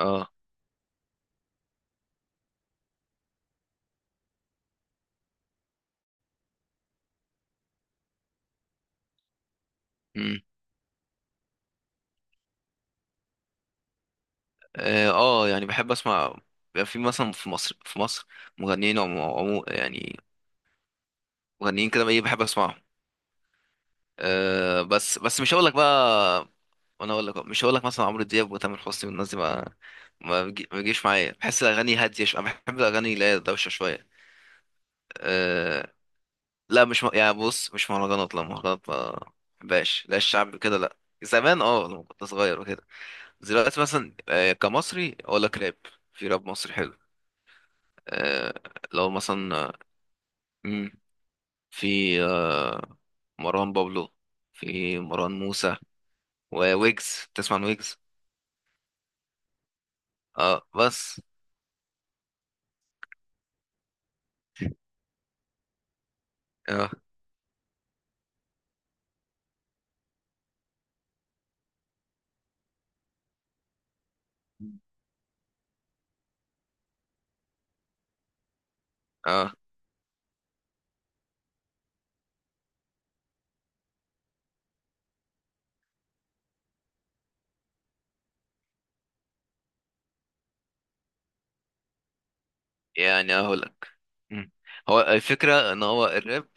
اه. امم يعني بحب اسمع. بيبقى في مثلا في مصر مغنيين، عمو، يعني مغنيين كده، ايه، بحب اسمعهم. بس مش هقول لك بقى. انا اقول لك مش هقول لك، مثلا عمرو دياب وتامر حسني والناس دي ما بيجيش معايا. بحس الاغاني هاديه شويه، أنا بحب الاغاني اللي هي دوشه شويه. آه. لا مش م... يعني بص، مش مهرجانات، لا، مهرجانات ما بحبهاش، لا الشعب كده لا. زمان، لما كنت صغير وكده. دلوقتي مثلا، كمصري اقول لك راب. في راب مصري حلو. آه، لو مثلا آه، مم، في آه، مروان بابلو، في مروان موسى وويجز. تسمع عن ويجز؟ اه بس. اه اه، يعني اقول لك. مم. هو الفكره ان هو الراب،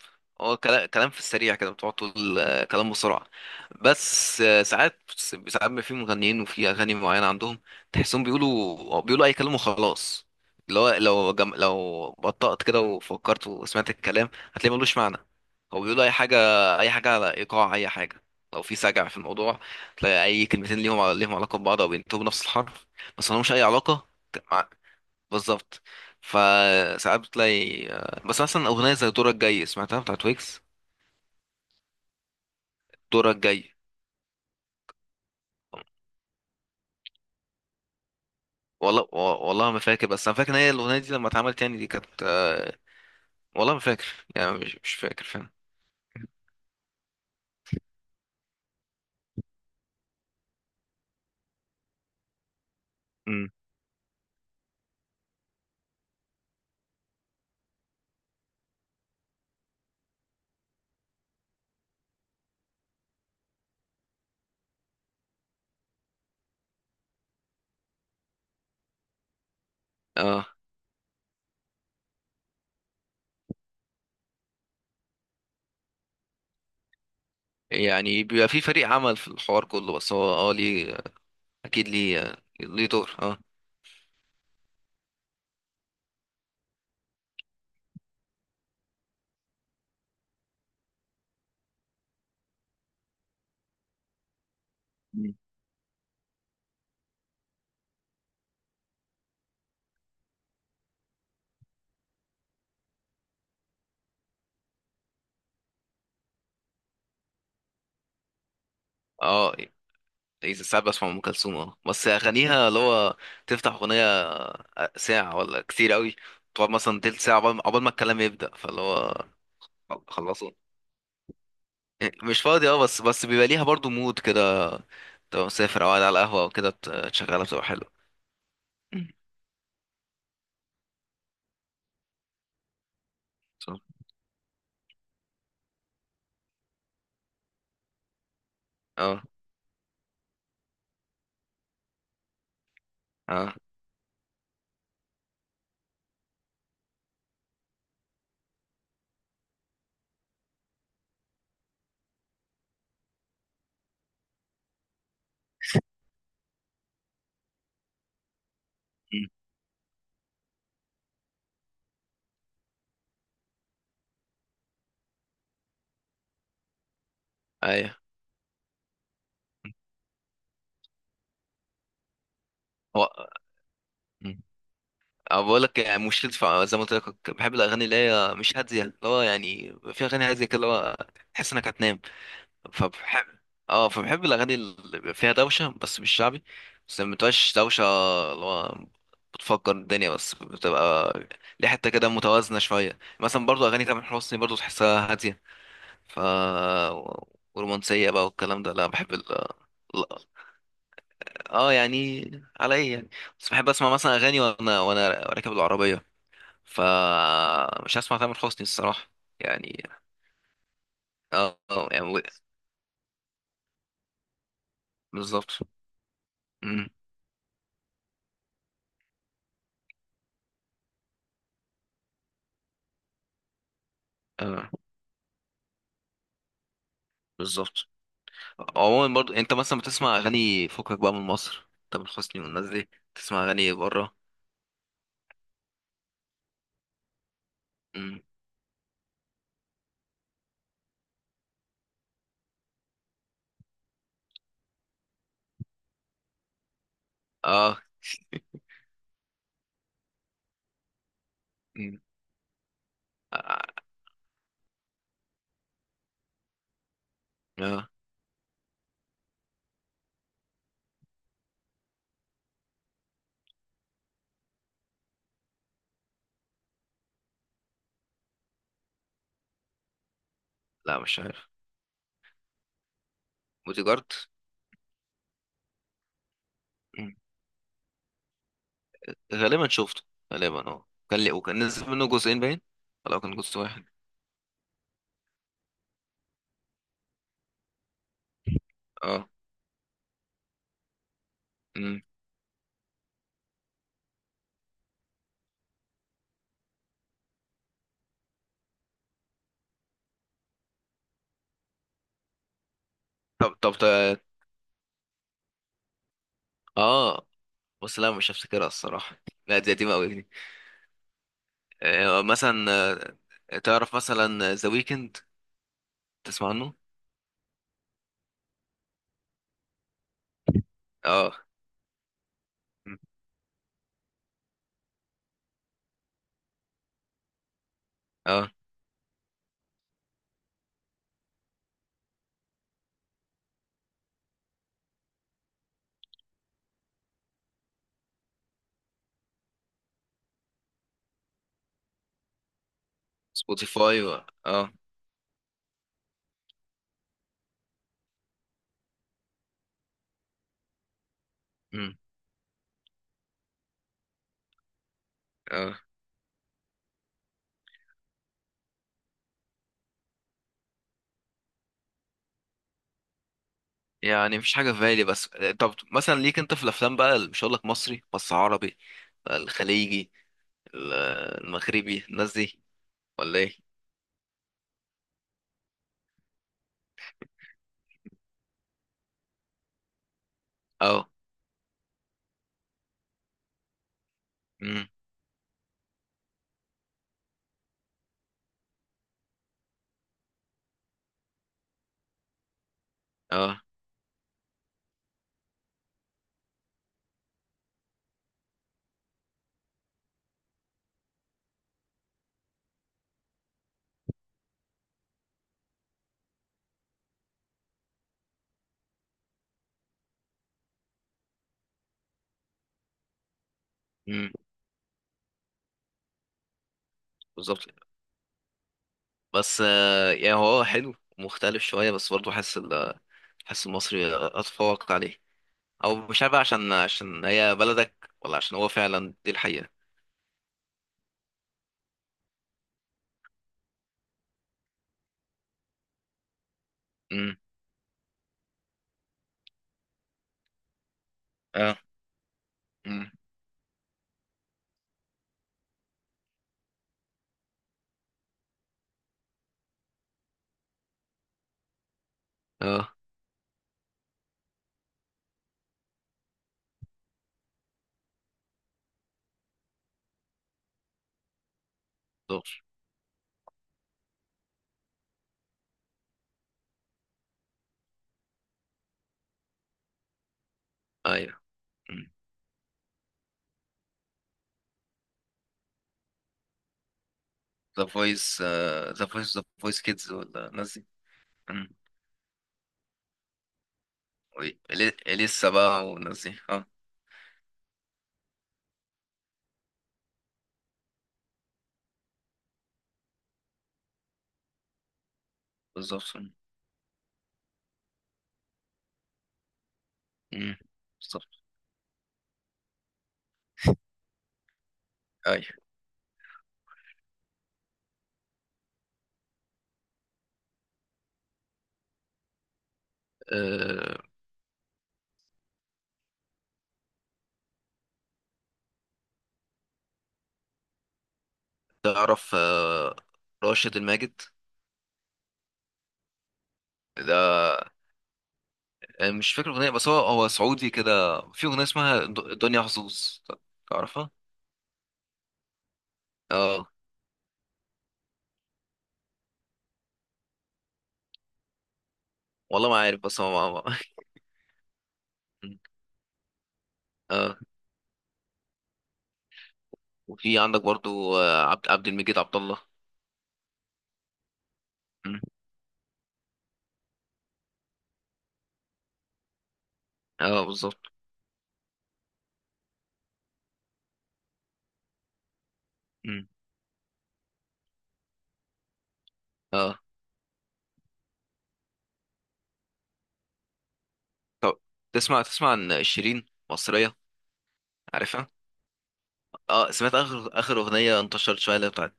هو كلام في السريع كده، بتقعد تقول، كلام بسرعه. بس، ساعات، ساعات ما في مغنيين وفي اغاني معينه عندهم تحسهم بيقولوا اي كلام وخلاص. اللي هو، لو بطأت كده وفكرت وسمعت الكلام هتلاقي ملوش معنى. هو بيقولوا اي حاجه، اي حاجه على ايقاع اي حاجه. لو في سجع في الموضوع تلاقي اي كلمتين ليهم علاقه ببعض او بينتهوا بنفس الحرف. بس ملهمش اي علاقه. بالظبط. فساعات بتلاقي، بس مثلا اغنيه زي دورك جاي سمعتها بتاعت ويكس. دورك جاي. والله والله ما فاكر، بس انا فاكر ان هي الاغنيه دي لما اتعملت يعني دي كانت، والله ما فاكر. يعني مش فاكر فاهم. امم اه، يعني بيبقى في فريق عمل في الحوار كله بس هو، اه ليه. اكيد ليه دور، اه. أمم. اه، إذا ساعات بسمع ام كلثوم، اه، بس اغانيها اللي هو تفتح اغنيه، ساعه ولا كتير قوي، تقعد مثلا تلت ساعه عقبال ما الكلام يبدا، فاللي هو خلصوا. إيه، مش فاضي، اه، بس بيبقى ليها برضو مود كده، تبقى مسافر او قاعد على القهوة او كده، تشغلها بتبقى حلوة. مم. صح. اه اه. مم. ايوه. هو. مم. أه بقول لك، يعني زي ما قلت لك بحب الاغاني اللي هي مش هاديه، اللي هو يعني في اغاني هاديه كده اللي هو تحس انك هتنام. فبحب اه فبحب الاغاني اللي بيبقى فيها دوشه بس مش شعبي، بس ما بتبقاش دوشه اللي هو بتفكر الدنيا، بس بتبقى ليه حته كده متوازنه شويه. مثلا برضو اغاني تامر حسني برضو تحسها هاديه، ف ورومانسيه بقى والكلام ده. لا، بحب لا. اه يعني، على ايه يعني؟ بس بحب اسمع مثلا اغاني وانا راكب العربيه، فمش هسمع تامر حسني الصراحه. يعني يعني بالظبط. مم. اه بالظبط. عموما برضو، انت مثلا بتسمع اغاني فكك بقى من مصر، تامر حسني والناس دي، بتسمع اغاني بره؟ مم. اه. مم. اه. آه. لا مش عارف. بوديجارد. مم. غالبا شفته، غالبا، اه، كان لي وكان نزل منه جزئين باين، ولا كان جزء واحد؟ اه. مم. طب طب طب- اه بس، لا مش هفتكرها الصراحه. لا دي قديمه قوي دي. مثلا، تعرف مثلا ذا ويكند؟ تسمع عنه. اه. مم. اه سبوتيفاي اه. مم. اه، يعني مفيش حاجة في بالي بس. طب مثلا ليك انت في الافلام بقى مش هقول لك مصري بس عربي، الخليجي، ال- المغربي، الناس دي، ولا ايه؟ اه. امم اه. امم بالظبط. بس، يعني هو حلو مختلف شوية، بس برضه حاسس حاسس المصري اتفوق عليه، او مش عارف بقى، عشان هي بلدك، ولا عشان هو فعلا دي الحقيقة. امم اه. امم اه. دور. ايوه، ذا فويس ذا فويس كيدز ولا الناس دي؟ ولسه بقى والناس دي اه. بالظبط. مم. بالظبط. ايوه. أه، تعرف، راشد الماجد ده، مش فاكر اغنيه، بس هو سعودي كده، في اغنيه اسمها دنيا حظوظ. تعرفها؟ اه. والله ما عارف بس هو مم. اه. وفي عندك برضو، عبد المجيد عبد الله. مم. اه بالظبط. مم. اه طب، تسمع عن شيرين مصريه؟ عارفها. اه. سمعت اخر اغنيه انتشرت شويه اللي هي بتاعت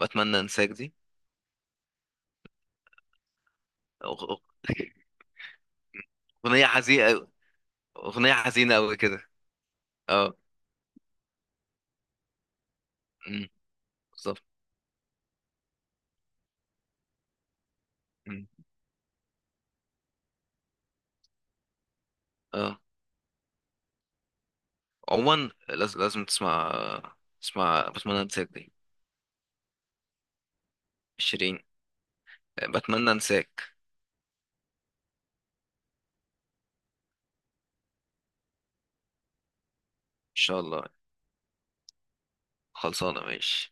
بتمنى انساك دي؟ أغ- أغ- اغنيه حزينه أوي. اغنيه حزينه قوي كده. اه. أمم، بالظبط. أمم، اه. عموما لازم تسمع، بتمنى انساك دي. شيرين، بتمنى انساك. ان شاء الله. خلصانه ماشي.